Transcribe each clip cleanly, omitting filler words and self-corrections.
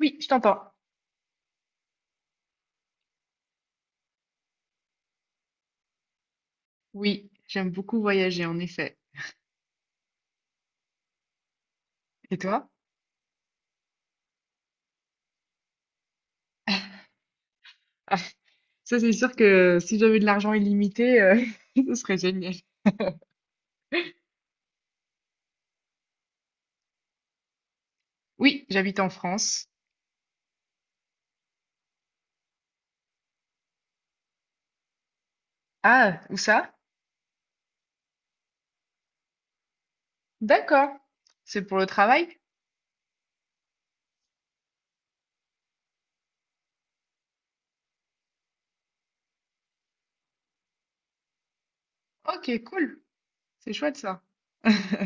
Oui, je t'entends. Oui, j'aime beaucoup voyager, en effet. Et toi? Ah, ça, c'est sûr que si j'avais de l'argent illimité, ce serait génial. Oui, j'habite en France. Ah, où ça? D'accord. C'est pour le travail? Ok, cool. C'est chouette ça.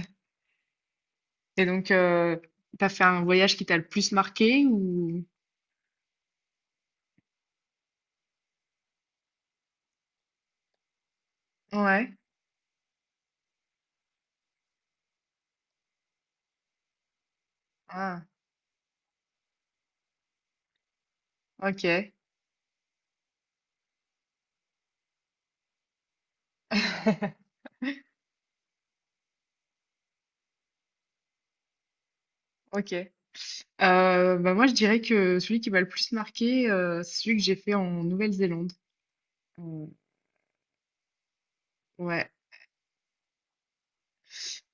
Et donc, t'as fait un voyage qui t'a le plus marqué ou... Ouais. Ah, ok. Ok. Bah moi, je dirais que celui qui m'a le plus marqué, c'est celui que j'ai fait en Nouvelle-Zélande. Ouais.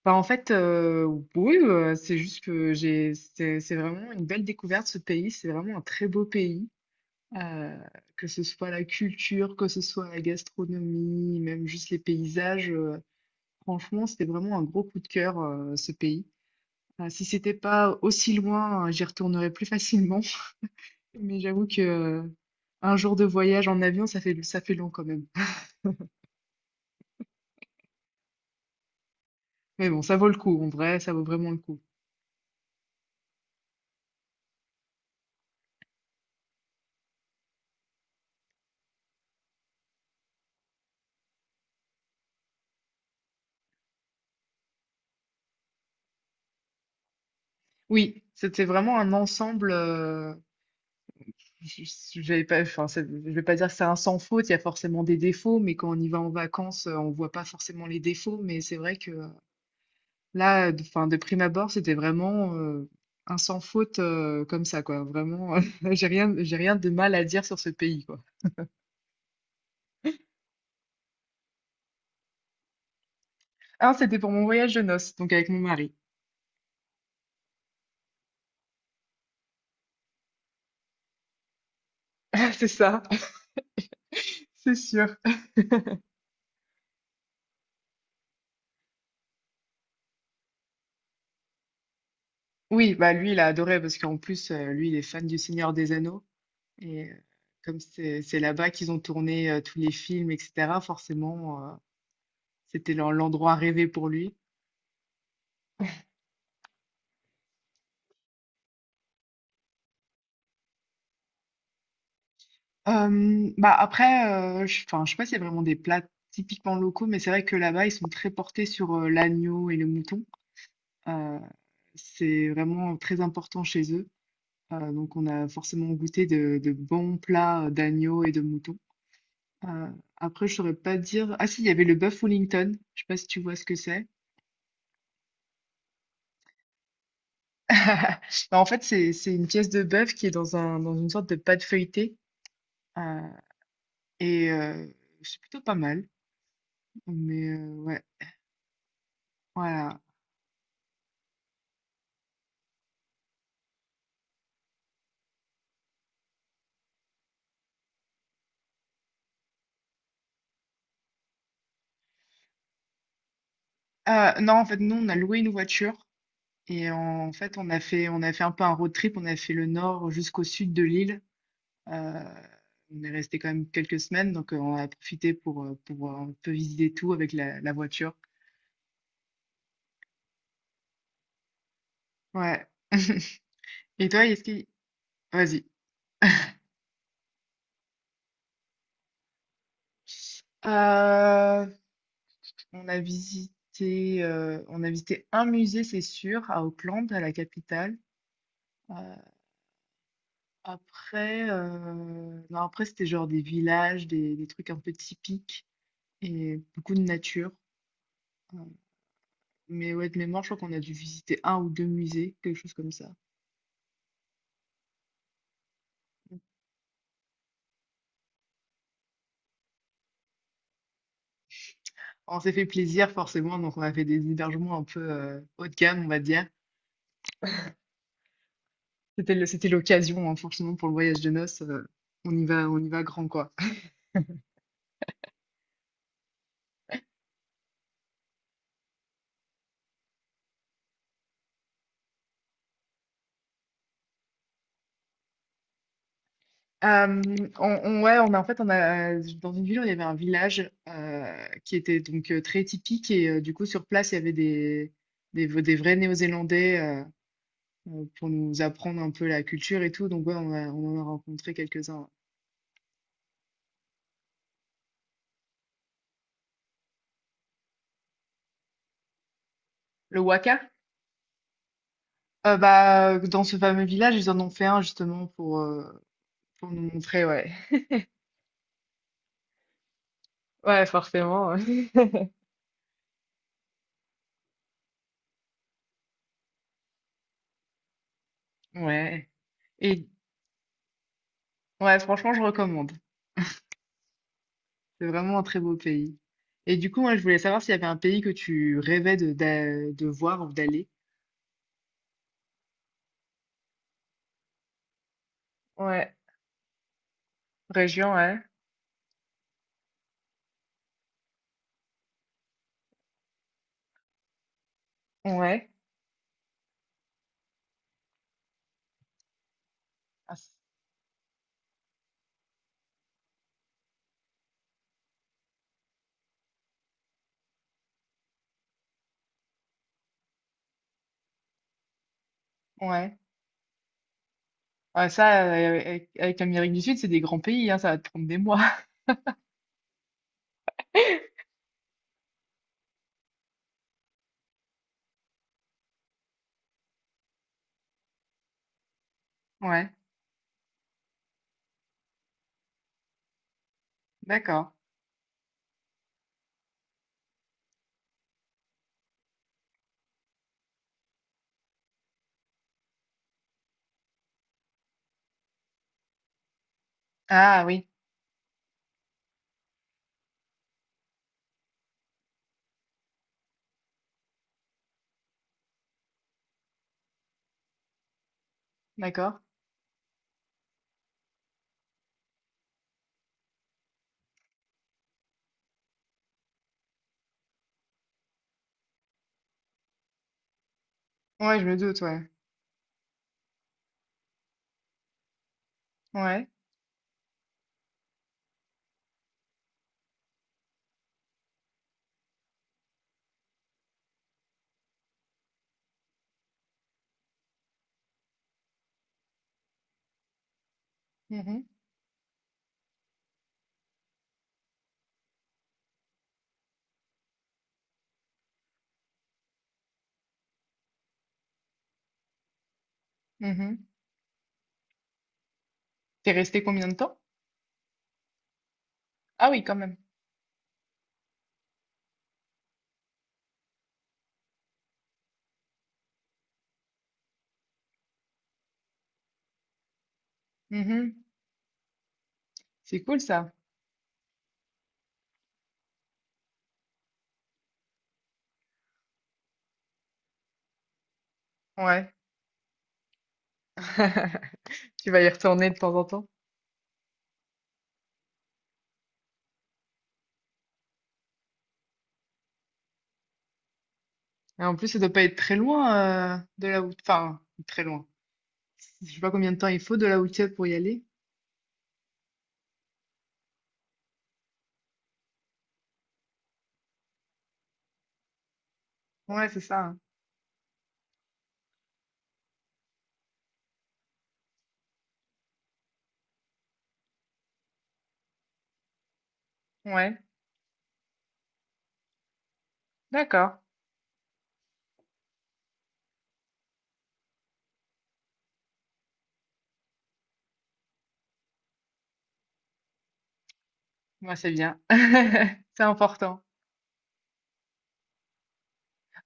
Bah, en fait, oui, c'est juste que j'ai, c'est vraiment une belle découverte ce pays. C'est vraiment un très beau pays, euh, que ce soit la culture, que ce soit la gastronomie, même juste les paysages. Franchement, c'était vraiment un gros coup de cœur, ce pays. Si c'était pas aussi loin, j'y retournerais plus facilement. Mais j'avoue que, un jour de voyage en avion, ça fait long quand même. Mais bon, ça vaut le coup. En vrai, ça vaut vraiment le coup. Oui, c'était vraiment un ensemble. Je vais pas, enfin, je vais pas dire que c'est un sans faute, il y a forcément des défauts, mais quand on y va en vacances, on voit pas forcément les défauts. Mais c'est vrai que là, enfin, de prime abord, c'était vraiment un sans faute comme ça, quoi. Vraiment, j'ai rien de mal à dire sur ce pays, quoi. Ah, c'était pour mon voyage de noces, donc avec mon mari. C'est ça, c'est sûr. Oui, bah lui, il a adoré parce qu'en plus, lui, il est fan du Seigneur des Anneaux. Et comme c'est là-bas qu'ils ont tourné tous les films, etc., forcément. L'endroit rêvé pour lui. Bah après, enfin, je sais pas s'il y a vraiment des plats typiquement locaux, mais c'est vrai que là-bas, ils sont très portés sur l'agneau et le mouton. Euh, c'est vraiment très important chez eux. Donc, on a forcément goûté de bons plats d'agneau et de mouton. Euh, après, je saurais pas dire. Ah si, il y avait le bœuf Wellington. Je sais pas si tu vois ce que c'est. Bah, en fait, c'est une pièce de bœuf qui est dans une sorte de pâte feuilletée. Euh, et c'est plutôt pas mal. Mais ouais, voilà. Ah, non, en fait, nous, on a loué une voiture et en fait, on a fait un peu un road trip. On a fait le nord jusqu'au sud de l'île. Euh, on est resté quand même quelques semaines, donc on a profité pour, un peu visiter tout avec la voiture. Ouais. Et toi, est-ce qu'il... Vas-y. Euh, on a visité un musée, c'est sûr, à Auckland, à la capitale. Euh, Après, non, après, c'était genre des villages, des trucs un peu typiques et beaucoup de nature. Heu, mais ouais, de mémoire, je crois qu'on a dû visiter un ou 2 musées, quelque chose comme ça. On s'est fait plaisir forcément, donc on a fait des hébergements un peu, haut de gamme, on va dire. C'était l'occasion, hein, forcément pour le voyage de noces, on y va grand, quoi. Euh, on- ouais, on a en fait, on a dans une ville, il y avait un village qui était donc très typique et du coup sur place, il y avait des vrais Néo-Zélandais pour nous apprendre un peu la culture et tout. Donc ouais, on en a rencontré quelques-uns. Le Waka, bah dans ce fameux village, ils en ont fait un justement pour nous montrer, ouais, Ouais, forcément. Ouais. Ouais. Et ouais, franchement, je recommande. C'est vraiment un très beau pays. Et du coup, moi, je voulais savoir s'il y avait un pays que tu rêvais de voir ou d'aller. Ouais, région, ouais, ouais, ah, ouais. Ouais, ça, avec l'Amérique du Sud, c'est des grands pays, hein, ça va te prendre des mois. Ouais, d'accord. Ah oui, d'accord. Ouais, je me doute, ouais. Ouais. Mhm, mhm. T'es resté combien de temps? Ah oui, quand même. Mhm. C'est cool ça. Ouais. Tu vas y retourner de temps en temps. Et en plus, ça doit pas être très loin de là où... Enfin, très loin. Je sais pas combien de temps il faut de là où tu es pour y aller. Ouais, c'est ça, hein. Ouais, d'accord. Moi, c'est bien. C'est important.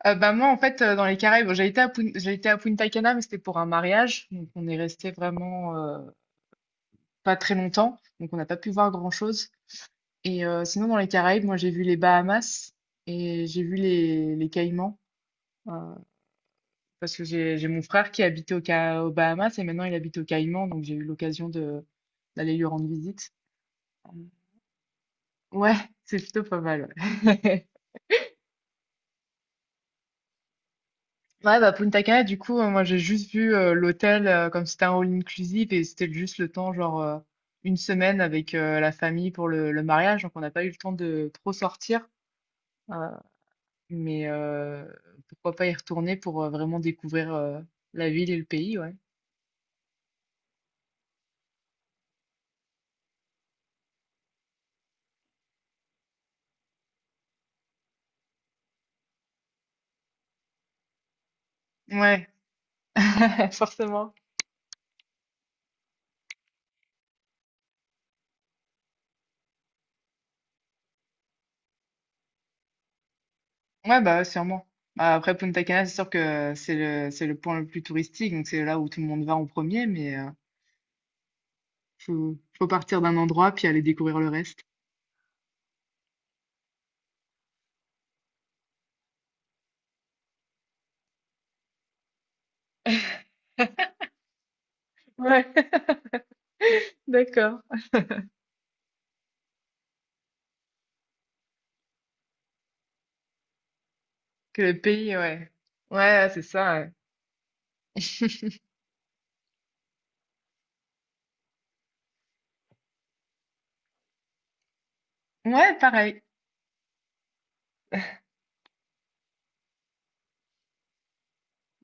Bah moi, en fait, dans les Caraïbes, bon, j'ai été à Punta Cana, mais c'était pour un mariage. Donc, on est resté vraiment pas très longtemps. Donc, on n'a pas pu voir grand-chose. Et sinon, dans les Caraïbes, moi, j'ai vu les Bahamas et j'ai vu les Caïmans. euh, parce que j'ai mon frère qui habitait aux Bahamas et maintenant, il habite aux Caïmans. Donc, j'ai eu l'occasion de d'aller lui rendre visite. Ouais, c'est plutôt pas mal. Ouais, Ouais, bah Punta Cana, du coup, moi j'ai juste vu l'hôtel comme c'était un all-inclusive et c'était juste le temps, genre une semaine avec la famille pour le mariage, donc on n'a pas eu le temps de trop sortir. euh, mais pourquoi pas y retourner pour vraiment découvrir la ville et le pays, ouais. Ouais, forcément. Ouais, bah sûrement. Bah, après Punta Cana, c'est sûr que c'est c'est le point le plus touristique, donc c'est là où tout le monde va en premier, mais. Faut partir d'un endroit puis aller découvrir le reste. Ouais, d'accord. Que le pays, ouais. Ouais, c'est ça. Ouais, Ouais, pareil.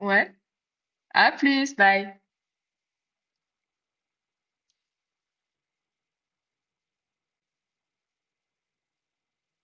Ouais. À plus, bye.